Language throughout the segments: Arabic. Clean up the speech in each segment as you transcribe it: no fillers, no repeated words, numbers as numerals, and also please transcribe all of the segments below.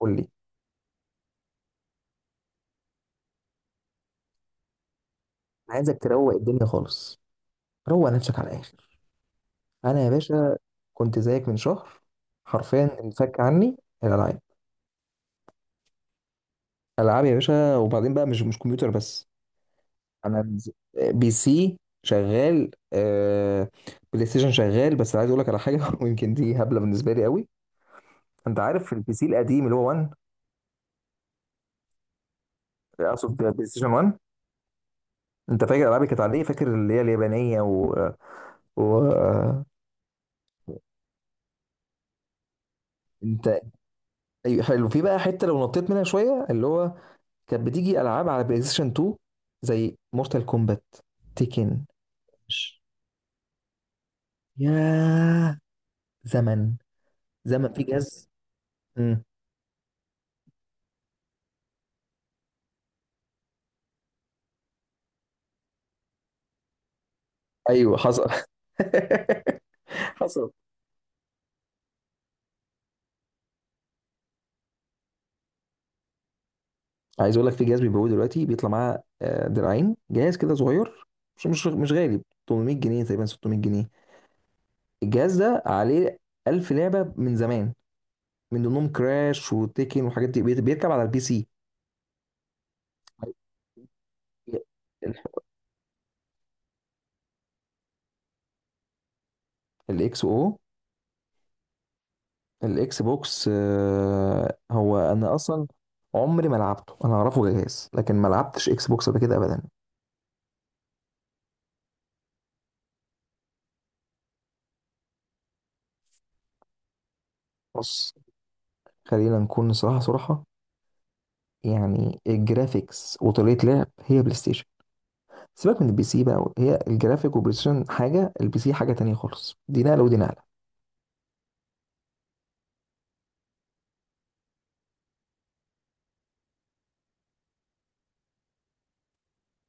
قول لي. أنا عايزك تروق الدنيا خالص. روق نفسك على الاخر. انا يا باشا كنت زيك من شهر. حرفيا انفك عني الالعاب. العاب يا باشا، وبعدين بقى مش كمبيوتر بس. انا بز- بي سي شغال، آه، بلاي ستيشن شغال. بس عايز اقول لك على حاجه ويمكن دي هبله بالنسبه لي قوي. انت عارف البي سي القديم اللي هو 1؟ اقصد بلاي ستيشن 1. انت فاكر الالعاب اللي كانت عليه؟ فاكر اللي هي اليابانيه و, و... آه، انت؟ أيوة، حلو. في بقى حته لو نطيت منها شويه، اللي هو كانت بتيجي العاب على بلاي ستيشن 2 زي مورتال كومبات، تيكن. يا زمن، زمن في جهاز. امم ايوه حصل. حصل. عايز اقول لك، في جهاز بيبيعوه دلوقتي بيطلع معاه دراعين، جهاز كده صغير مش غالي. 800 جنيه تقريبا، 600 جنيه. الجهاز ده عليه 1000 لعبه من زمان، من ضمنهم كراش وتيكن وحاجات دي. بيركب على البي سي. الاكس او الاكس بوكس، آه، هو انا اصلا عمري ما لعبته. انا اعرفه جهاز، لكن ما لعبتش اكس بوكس قبل كده ابدا. بص، خلينا نكون صراحه صراحه، يعني الجرافيكس وطريقه لعب هي بلاي ستيشن. سيبك من البي سي بقى، هي الجرافيك والبلاي ستيشن حاجه، البي سي حاجه تانية خالص. دي نقله ودي نقله.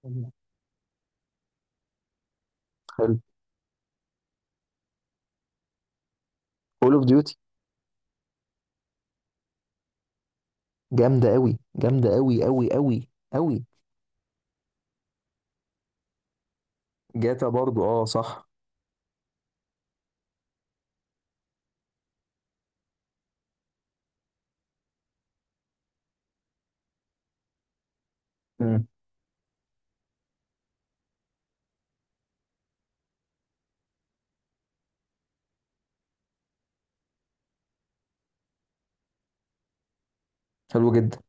مم. حلو. كول اوف ديوتي جامده قوي جامده قوي قوي قوي قوي. جاتا برضو، اه صح. مم. حلو جدا.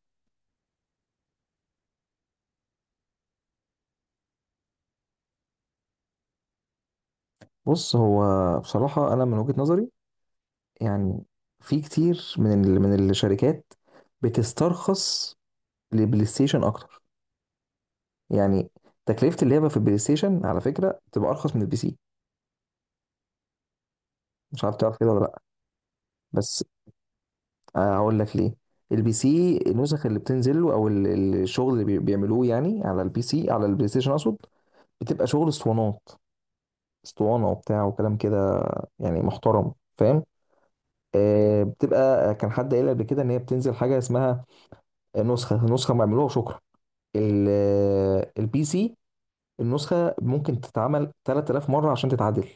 بص هو، بصراحه انا من وجهه نظري، يعني في كتير من من الشركات بتسترخص للبلاي ستيشن اكتر. يعني تكلفة اللعبة في البلاي ستيشن على فكرة بتبقى ارخص من البي سي. مش عارف تعرف كده ولا لا؟ بس هقول لك ليه. البي سي النسخ اللي بتنزل له او الشغل اللي بيعملوه يعني على البي سي، على البلاي ستيشن اقصد، بتبقى شغل اسطوانات، اسطوانة وبتاع وكلام كده، يعني محترم، فاهم؟ آه بتبقى. كان حد قايل قبل كده ان هي بتنزل حاجة اسمها نسخة، نسخة معمولوها شكرا. البي سي النسخه ممكن تتعمل 3000 مره عشان تتعدل.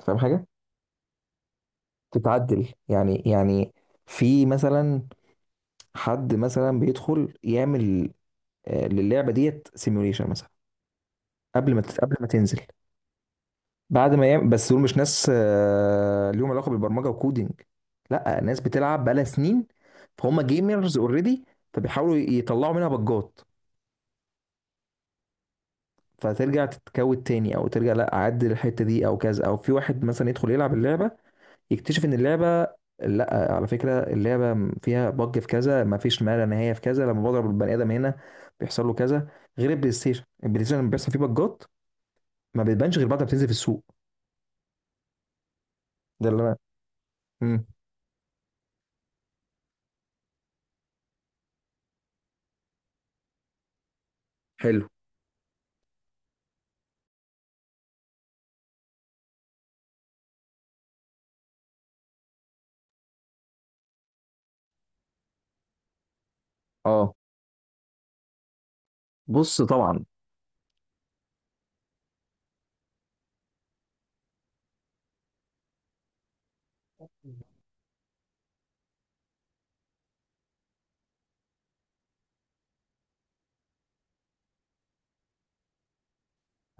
أنت فاهم حاجه؟ تتعدل يعني يعني، في مثلا حد مثلا بيدخل يعمل للعبه ديت سيميوليشن مثلا قبل ما تنزل. بعد ما يعمل، بس دول مش ناس ليهم علاقه بالبرمجه وكودينج، لا، ناس بتلعب بقالها سنين، فهم جيمرز اوريدي، فبيحاولوا يطلعوا منها بجات. فترجع تتكود تاني، او ترجع لا اعدل الحته دي او كذا، او في واحد مثلا يدخل يلعب اللعبه يكتشف ان اللعبه، لا على فكره اللعبه فيها بج في كذا، ما فيش ما لا نهايه في كذا، لما بضرب البني ادم هنا بيحصل له كذا. غير البلاي ستيشن، البلاي ستيشن لما بيحصل فيه بجات ما بتبانش غير بعد ما بتنزل في السوق. ده اللي انا. امم حلو. اه بص، طبعا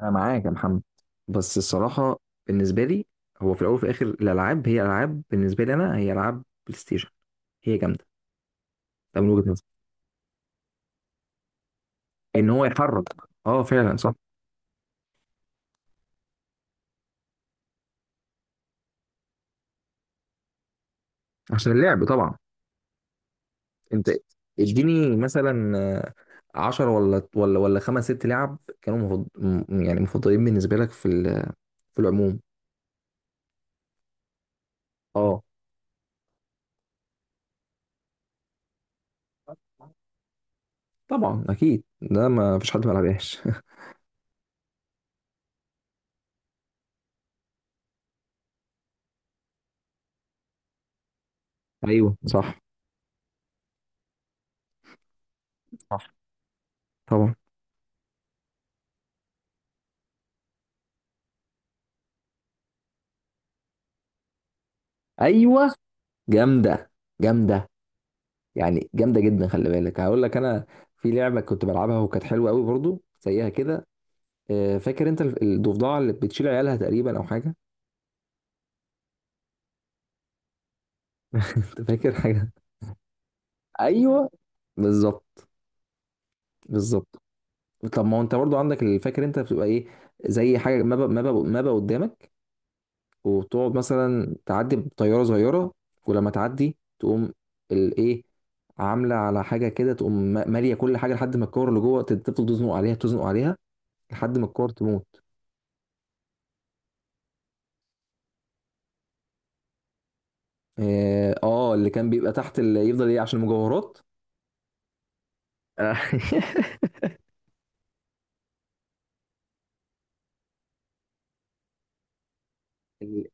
انا معاك يا محمد، بس الصراحه بالنسبه لي، هو في الاول وفي الاخر الالعاب هي العاب، بالنسبه لي انا هي العاب بلاي ستيشن، هي جامده. ده من وجهه نظري. ان هو يحرك، اه فعلا صح. عشان اللعب طبعا. انت اديني مثلا، عشر ولا خمس ست لعب كانوا يعني مفضلين بالنسبه لك في في العموم. اه طبعا اكيد ده ما فيش حد ما لعبهاش. ايوه صح. صح طبعا. ايوه، جامده جامده، يعني جامده جدا. خلي بالك هقول لك انا. في لعبه كنت بلعبها وكانت حلوه قوي برضو زيها كده. فاكر انت الضفدعه اللي بتشيل عيالها تقريبا او حاجه؟ انت فاكر حاجه. ايوه بالظبط. بالظبط. طب ما هو انت برضو عندك اللي فاكر انت بتبقى ايه، زي حاجه مابا مابا مابا قدامك، وتقعد مثلا تعدي بطياره صغيره، ولما تعدي تقوم الايه، عامله على حاجه كده، تقوم ماليه كل حاجه، لحد ما الكور اللي جوه تفضل تزنق عليها تزنق عليها، لحد ما الكور تموت. اه اللي كان بيبقى تحت، اللي يفضل ايه عشان المجوهرات. آه. ال-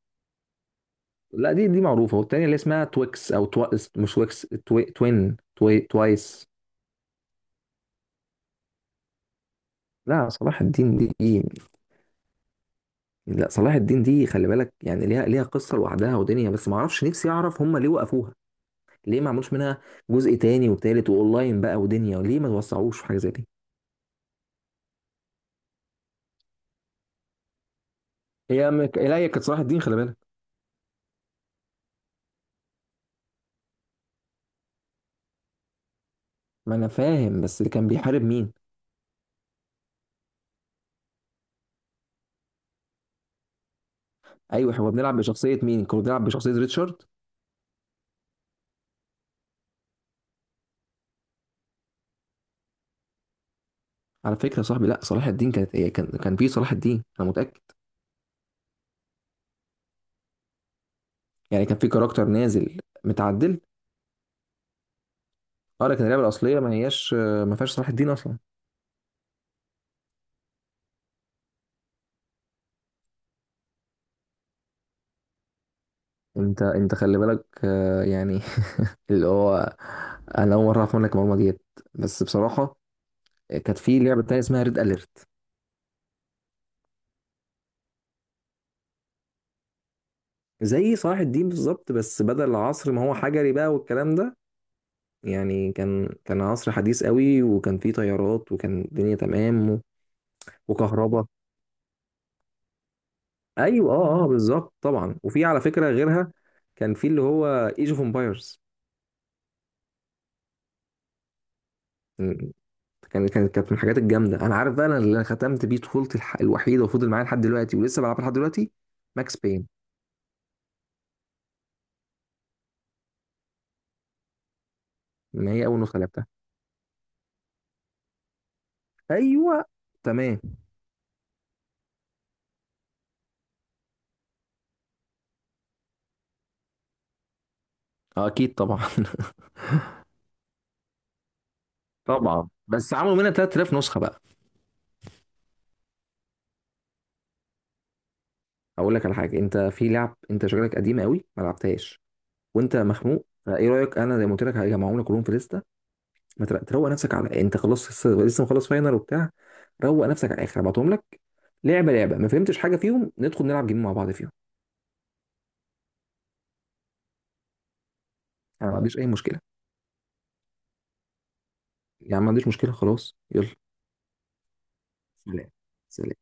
لا، دي معروفه. والتانيه اللي اسمها تويكس او مش تويكس، توايس. لا صلاح الدين دي، لا صلاح الدين دي خلي بالك، يعني ليها قصه لوحدها ودنيا، بس ما اعرفش نفسي اعرف هم ليه وقفوها؟ ليه ما عملوش منها جزء تاني وتالت واونلاين بقى ودنيا؟ وليه ما توسعوش في حاجه زي دي؟ لا، هي كانت صلاح الدين خلي بالك. ما انا فاهم، بس اللي كان بيحارب مين؟ ايوه احنا كنا بنلعب بشخصيه مين؟ كنا بنلعب بشخصيه ريتشارد. على فكره يا صاحبي، لا صلاح الدين كانت هي، كان في صلاح الدين انا متاكد. يعني كان في كاركتر نازل متعدل، اه. لكن اللعبه الاصليه ما هياش، ما فيهاش صلاح الدين اصلا. انت خلي بالك، يعني اللي هو، انا اول مره اعرف منك المعلومه ديت. بس بصراحه كانت في لعبه تانية اسمها ريد اليرت. زي صلاح الدين بالظبط، بس بدل عصر ما هو حجري بقى والكلام ده، يعني كان عصر حديث قوي، وكان فيه طيارات وكان الدنيا تمام، و- وكهرباء. ايوه اه اه بالظبط طبعا. وفي على فكره غيرها، كان في اللي هو ايج اوف امبايرز. كانت كانت من الحاجات الجامده. انا عارف بقى أنا اللي انا ختمت بيه طفولتي، الوحيده وفضل معايا لحد دلوقتي ولسه بلعبها لحد دلوقتي، ماكس بين. ما هي اول نسخه لعبتها. ايوه تمام. اكيد طبعا. طبعا بس عملوا منها 3000 نسخه بقى. اقول لك على حاجه، انت في لعب انت شكلك قديم قوي ما لعبتهاش وانت مخنوق. فايه رايك انا زي ما قلت لك هجمعهم لك كلهم في لسته؟ ما تر- تروق نفسك على، انت خلاص لسه مخلص فاينل وبتاع، روق نفسك على الاخر، هبعتهم لك لعبه لعبه. ما فهمتش حاجه فيهم، ندخل نلعب جيم مع بعض فيهم. انا ما عنديش اي مشكله، يعني ما عنديش مشكله، خلاص يلا. سلام. سلام.